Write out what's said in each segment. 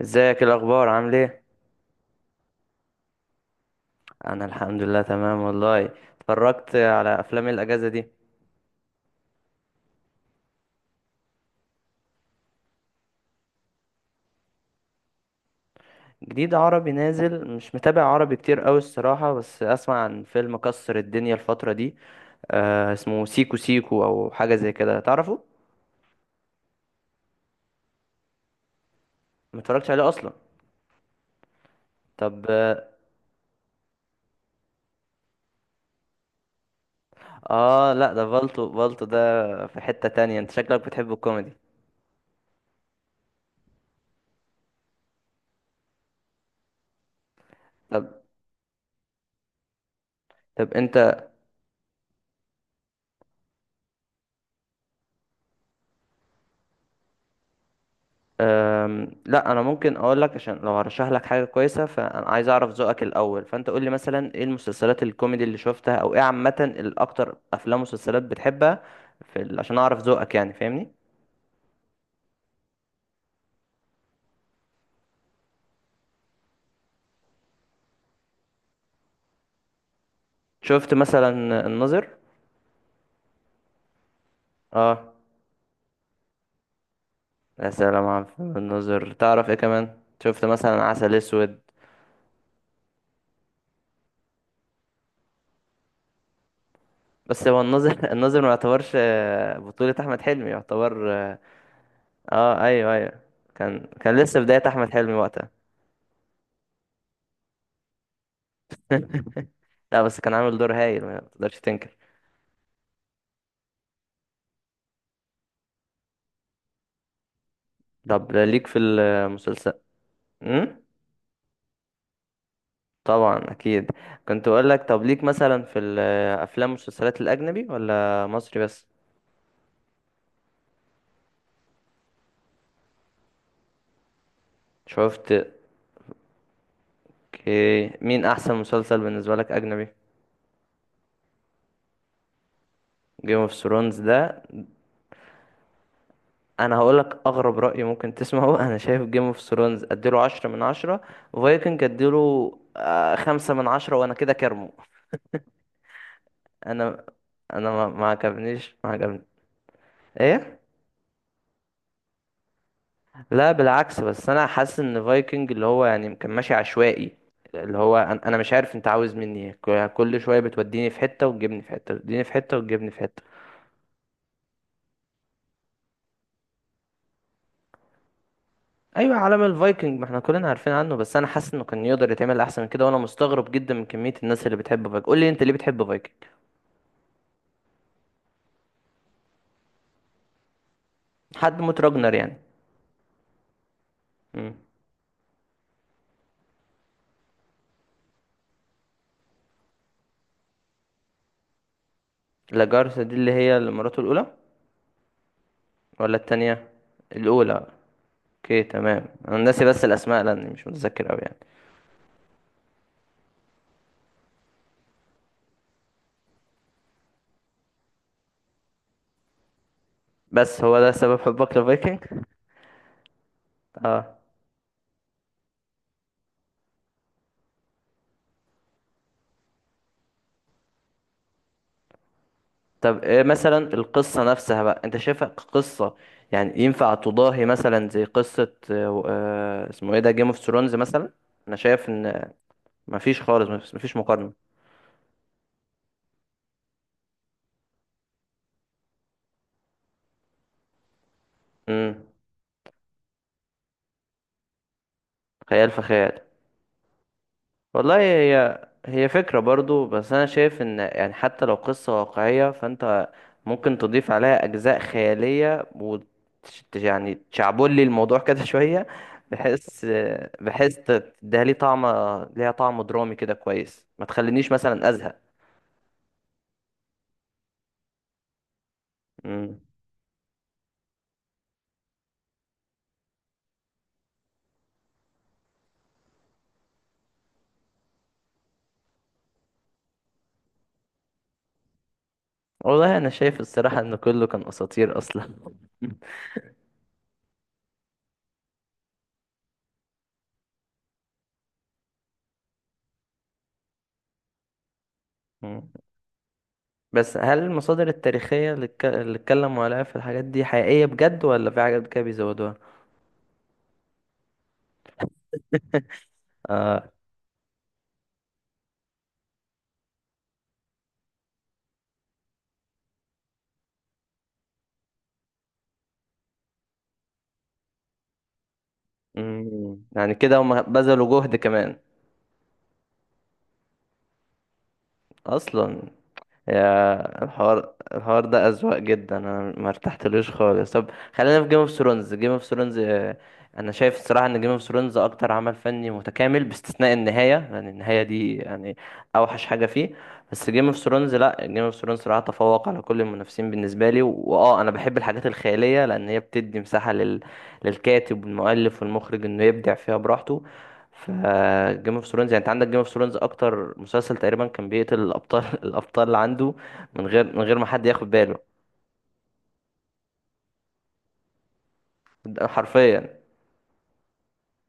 ازيك؟ إيه الاخبار؟ عامل ايه؟ انا الحمد لله تمام والله. اتفرجت على افلام إيه الاجازه دي؟ جديد عربي نازل، مش متابع عربي كتير قوي الصراحه، بس اسمع عن فيلم كسر الدنيا الفتره دي، آه اسمه سيكو سيكو او حاجه زي كده، تعرفه؟ ما اتفرجتش عليه اصلا؟ طب اه. لا ده فالتو، فالتو ده في حته تانية. انت شكلك بتحب الكوميدي. طب، طب. لا انا ممكن اقول لك، عشان لو هرشح لك حاجه كويسه فانا عايز اعرف ذوقك الاول، فانت قول لي مثلا ايه المسلسلات الكوميدي اللي شفتها، او ايه عامه الاكتر افلام ومسلسلات بتحبها؟ عشان اعرف ذوقك يعني، فاهمني؟ شفت مثلا الناظر؟ اه. يا سلام على فيلم الناظر! تعرف ايه كمان؟ شفت مثلا عسل اسود؟ بس هو الناظر الناظر ما يعتبرش بطوله احمد حلمي، يعتبر اه. ايوه ايوه. كان لسه بدايه احمد حلمي وقتها. لا بس كان عامل دور هايل، ما تقدرش تنكر. طب ليك في المسلسل؟ امم طبعا، اكيد. كنت اقول لك طب ليك مثلا في الافلام والمسلسلات الاجنبي، ولا مصري بس؟ شفت. اوكي، مين احسن مسلسل بالنسبه لك اجنبي؟ جيم اوف ثرونز ده. انا هقول لك اغرب راي ممكن تسمعه، انا شايف جيم اوف ثرونز اديله 10 من 10، وفايكنج اديله 5 من 10، وانا كده كارمه. انا، انا ما عجبنيش، ما عجبني ايه؟ لا بالعكس، بس انا حاسس ان فايكنج اللي هو يعني كان ماشي عشوائي، اللي هو انا مش عارف انت عاوز مني ايه، كل شويه بتوديني في حته وتجيبني في حته وتوديني في حته وتجيبني في حته. ايوه عالم الفايكنج ما احنا كلنا عارفين عنه، بس انا حاسس انه كان يقدر يتعمل احسن من كده، وانا مستغرب جدا من كميه الناس اللي بتحب فايكنج. قول لي انت ليه بتحب فايكنج؟ حد موت راجنر يعني؟ امم لاجارثا دي اللي هي اللي مراته الاولى ولا التانية؟ الاولى. اوكي تمام، انا ناسي بس الاسماء لاني مش متذكر قوي يعني. بس هو ده سبب حبك لفايكنج؟ اه. طب ايه مثلا القصة نفسها بقى، انت شايفها قصة؟ يعني ينفع تضاهي مثلا زي قصة اسمه ايه ده، جيم اوف ثرونز مثلا؟ انا شايف ان مفيش خالص، مفيش مقارنة. امم خيال فخيال. والله هي هي فكرة برضو، بس أنا شايف إن يعني حتى لو قصة واقعية فأنت ممكن تضيف عليها أجزاء خيالية، وت يعني تشعبولي لي الموضوع كده شوية، بحيث، بحيث تديها لي طعم، ليها طعم درامي كده كويس، ما تخلينيش مثلا أزهق. مم. والله أنا شايف الصراحة إن كله كان أساطير أصلا. مم. بس هل المصادر التاريخية اللي اتكلموا عليها في الحاجات دي حقيقية بجد، ولا في حاجات كده بيزودوها؟ مم. يعني كده هم بذلوا جهد كمان اصلا. يا الحوار، الحوار ده اذواق جدا، انا ما ارتحتلوش خالص. طب خلينا في جيم اوف ثرونز. جيم اوف ثرونز انا شايف الصراحه ان جيم اوف ثرونز اكتر عمل فني متكامل باستثناء النهايه، لان النهايه دي يعني اوحش حاجه فيه. بس جيم اوف ثرونز، لا جيم اوف ثرونز صراحه تفوق على كل المنافسين بالنسبه لي. واه انا بحب الحاجات الخياليه لان هي بتدي مساحه للكاتب والمؤلف والمخرج انه يبدع فيها براحته. ف جيم اوف ثرونز يعني، انت عندك جيم اوف ثرونز اكتر مسلسل تقريبا كان بيقتل الابطال، الابطال اللي عنده من غير ما حد ياخد باله. ده حرفيا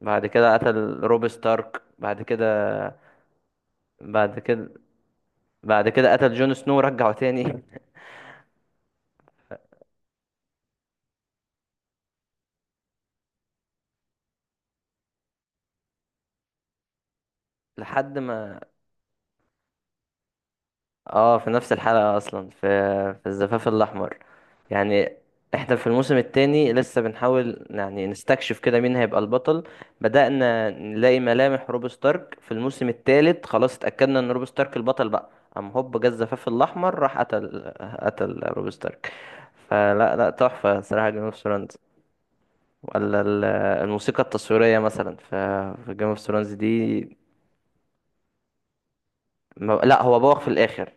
بعد كده قتل روب ستارك، بعد كده، بعد كده، بعد كده قتل جون سنو ورجعه تاني. لحد ما اه في نفس الحلقة اصلا، في في الزفاف الاحمر يعني. احنا في الموسم التاني لسه بنحاول يعني نستكشف كده مين هيبقى البطل. بدأنا نلاقي ملامح روب ستارك في الموسم التالت، خلاص اتأكدنا ان روب ستارك البطل بقى، قام هوب جه الزفاف الاحمر راح قتل، قتل روب ستارك. فلا لا، تحفة صراحة جيم اوف ثرونز. ولا ال- الموسيقى التصويرية مثلا في في جيم اوف ثرونز دي. لا هو بوخ في الاخر.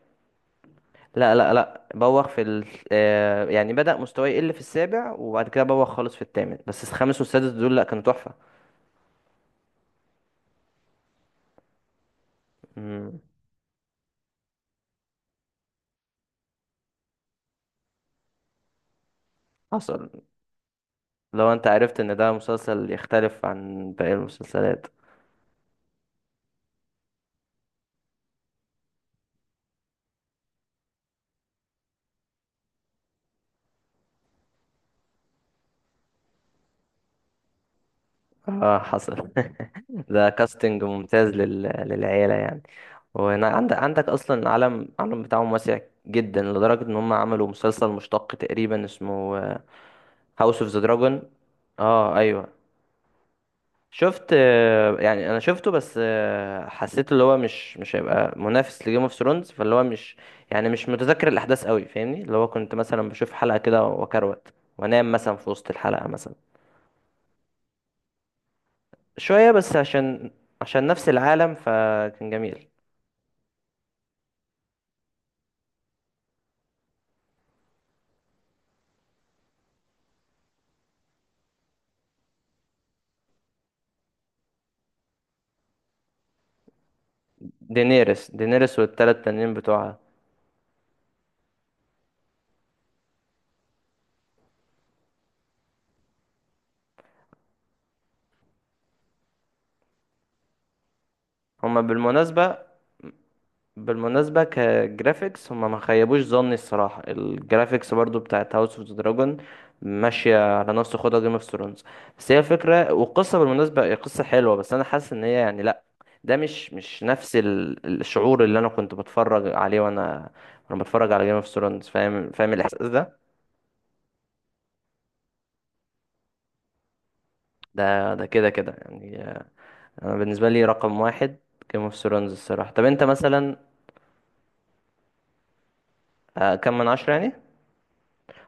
لا بوخ في ال... يعني بدأ مستواي يقل في السابع، وبعد كده بوخ خالص في الثامن، بس الخامس والسادس دول لا كانوا تحفة. مم. حصل. لو انت عرفت ان ده مسلسل يختلف عن باقي المسلسلات. اه حصل. ده كاستنج ممتاز للعيلة يعني. وهنا عندك، اصلا العالم، بتاعهم واسع جدا لدرجة ان هم عملوا مسلسل مشتق تقريبا اسمه هاوس اوف ذا دراجون. اه ايوه. شفت، يعني انا شفته بس حسيت اللي هو مش، مش هيبقى منافس لجيم اوف ثرونز، فاللي هو مش يعني مش متذكر الاحداث قوي، فاهمني؟ اللي هو كنت مثلا بشوف حلقة كده وكروت وانام مثلا في وسط الحلقة مثلا. شوية بس، عشان نفس العالم فكان جميل. دينيرس والتلات تانيين بتوعها. هما بالمناسبة، بالمناسبة كجرافيكس هما ما خيبوش ظني الصراحة، الجرافيكس برضو بتاعت هاوس اوف دراجون ماشية على نفس خدها جيم اوف ثرونز. بس هي الفكرة والقصة بالمناسبة، هي قصة حلوة بس أنا حاسس إن هي يعني لأ، ده مش، مش نفس الشعور اللي أنا كنت بتفرج عليه، وأنا، بتفرج على جيم اوف ثرونز. فاهم، الإحساس ده. ده، كده كده يعني، أنا بالنسبة لي رقم واحد جيم اوف ثرونز الصراحة. طب أنت مثلا كم من عشرة يعني؟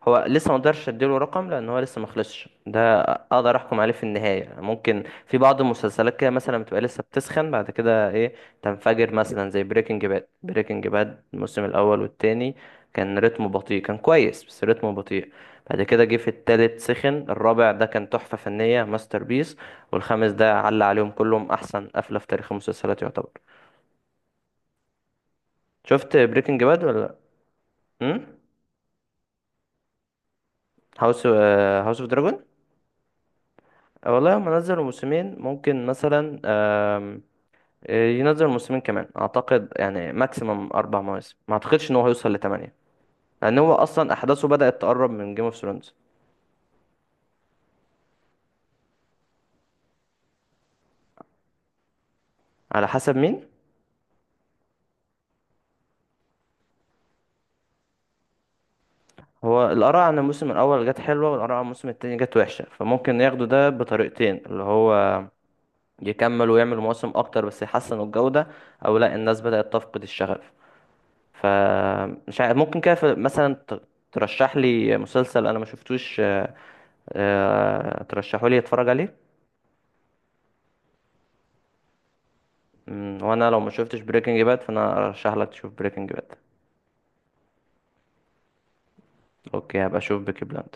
هو لسه ما اقدرش اديله رقم لان هو لسه ما خلصش، ده اقدر احكم عليه في النهايه. ممكن في بعض المسلسلات كده مثلا بتبقى لسه بتسخن، بعد كده ايه تنفجر، مثلا زي بريكنج باد. بريكنج باد الموسم الاول والتاني كان رتمه بطيء، كان كويس بس رتمه بطيء. بعد كده جه في التالت سخن، الرابع ده كان تحفه فنيه، ماستر بيس، والخامس ده علق عليهم كلهم، احسن قفله في تاريخ المسلسلات يعتبر. شفت بريكنج باد ولا؟ امم هاوس، اوف دراجون. والله هم نزلوا موسمين، ممكن مثلا ينزل موسمين كمان اعتقد، يعني ماكسيمم 4 مواسم، ما اعتقدش ان هو هيوصل لـ8، لان هو اصلا احداثه بدأت تقرب من جيم اوف ثرونز. على حسب مين؟ هو الاراء عن الموسم الاول جت حلوة، والاراء عن الموسم التاني جت وحشة، فممكن ياخدوا ده بطريقتين، اللي هو يكمل ويعمل مواسم اكتر بس يحسنوا الجودة، او لا الناس بدأت تفقد الشغف. فمش عارف. ممكن كده مثلا ترشح لي مسلسل انا ما شفتوش، ترشحوا لي اتفرج عليه. وانا لو ما شفتش بريكنج باد فانا ارشح لك تشوف بريكنج باد. اوكي، هبقى اشوف بيكي بلاند.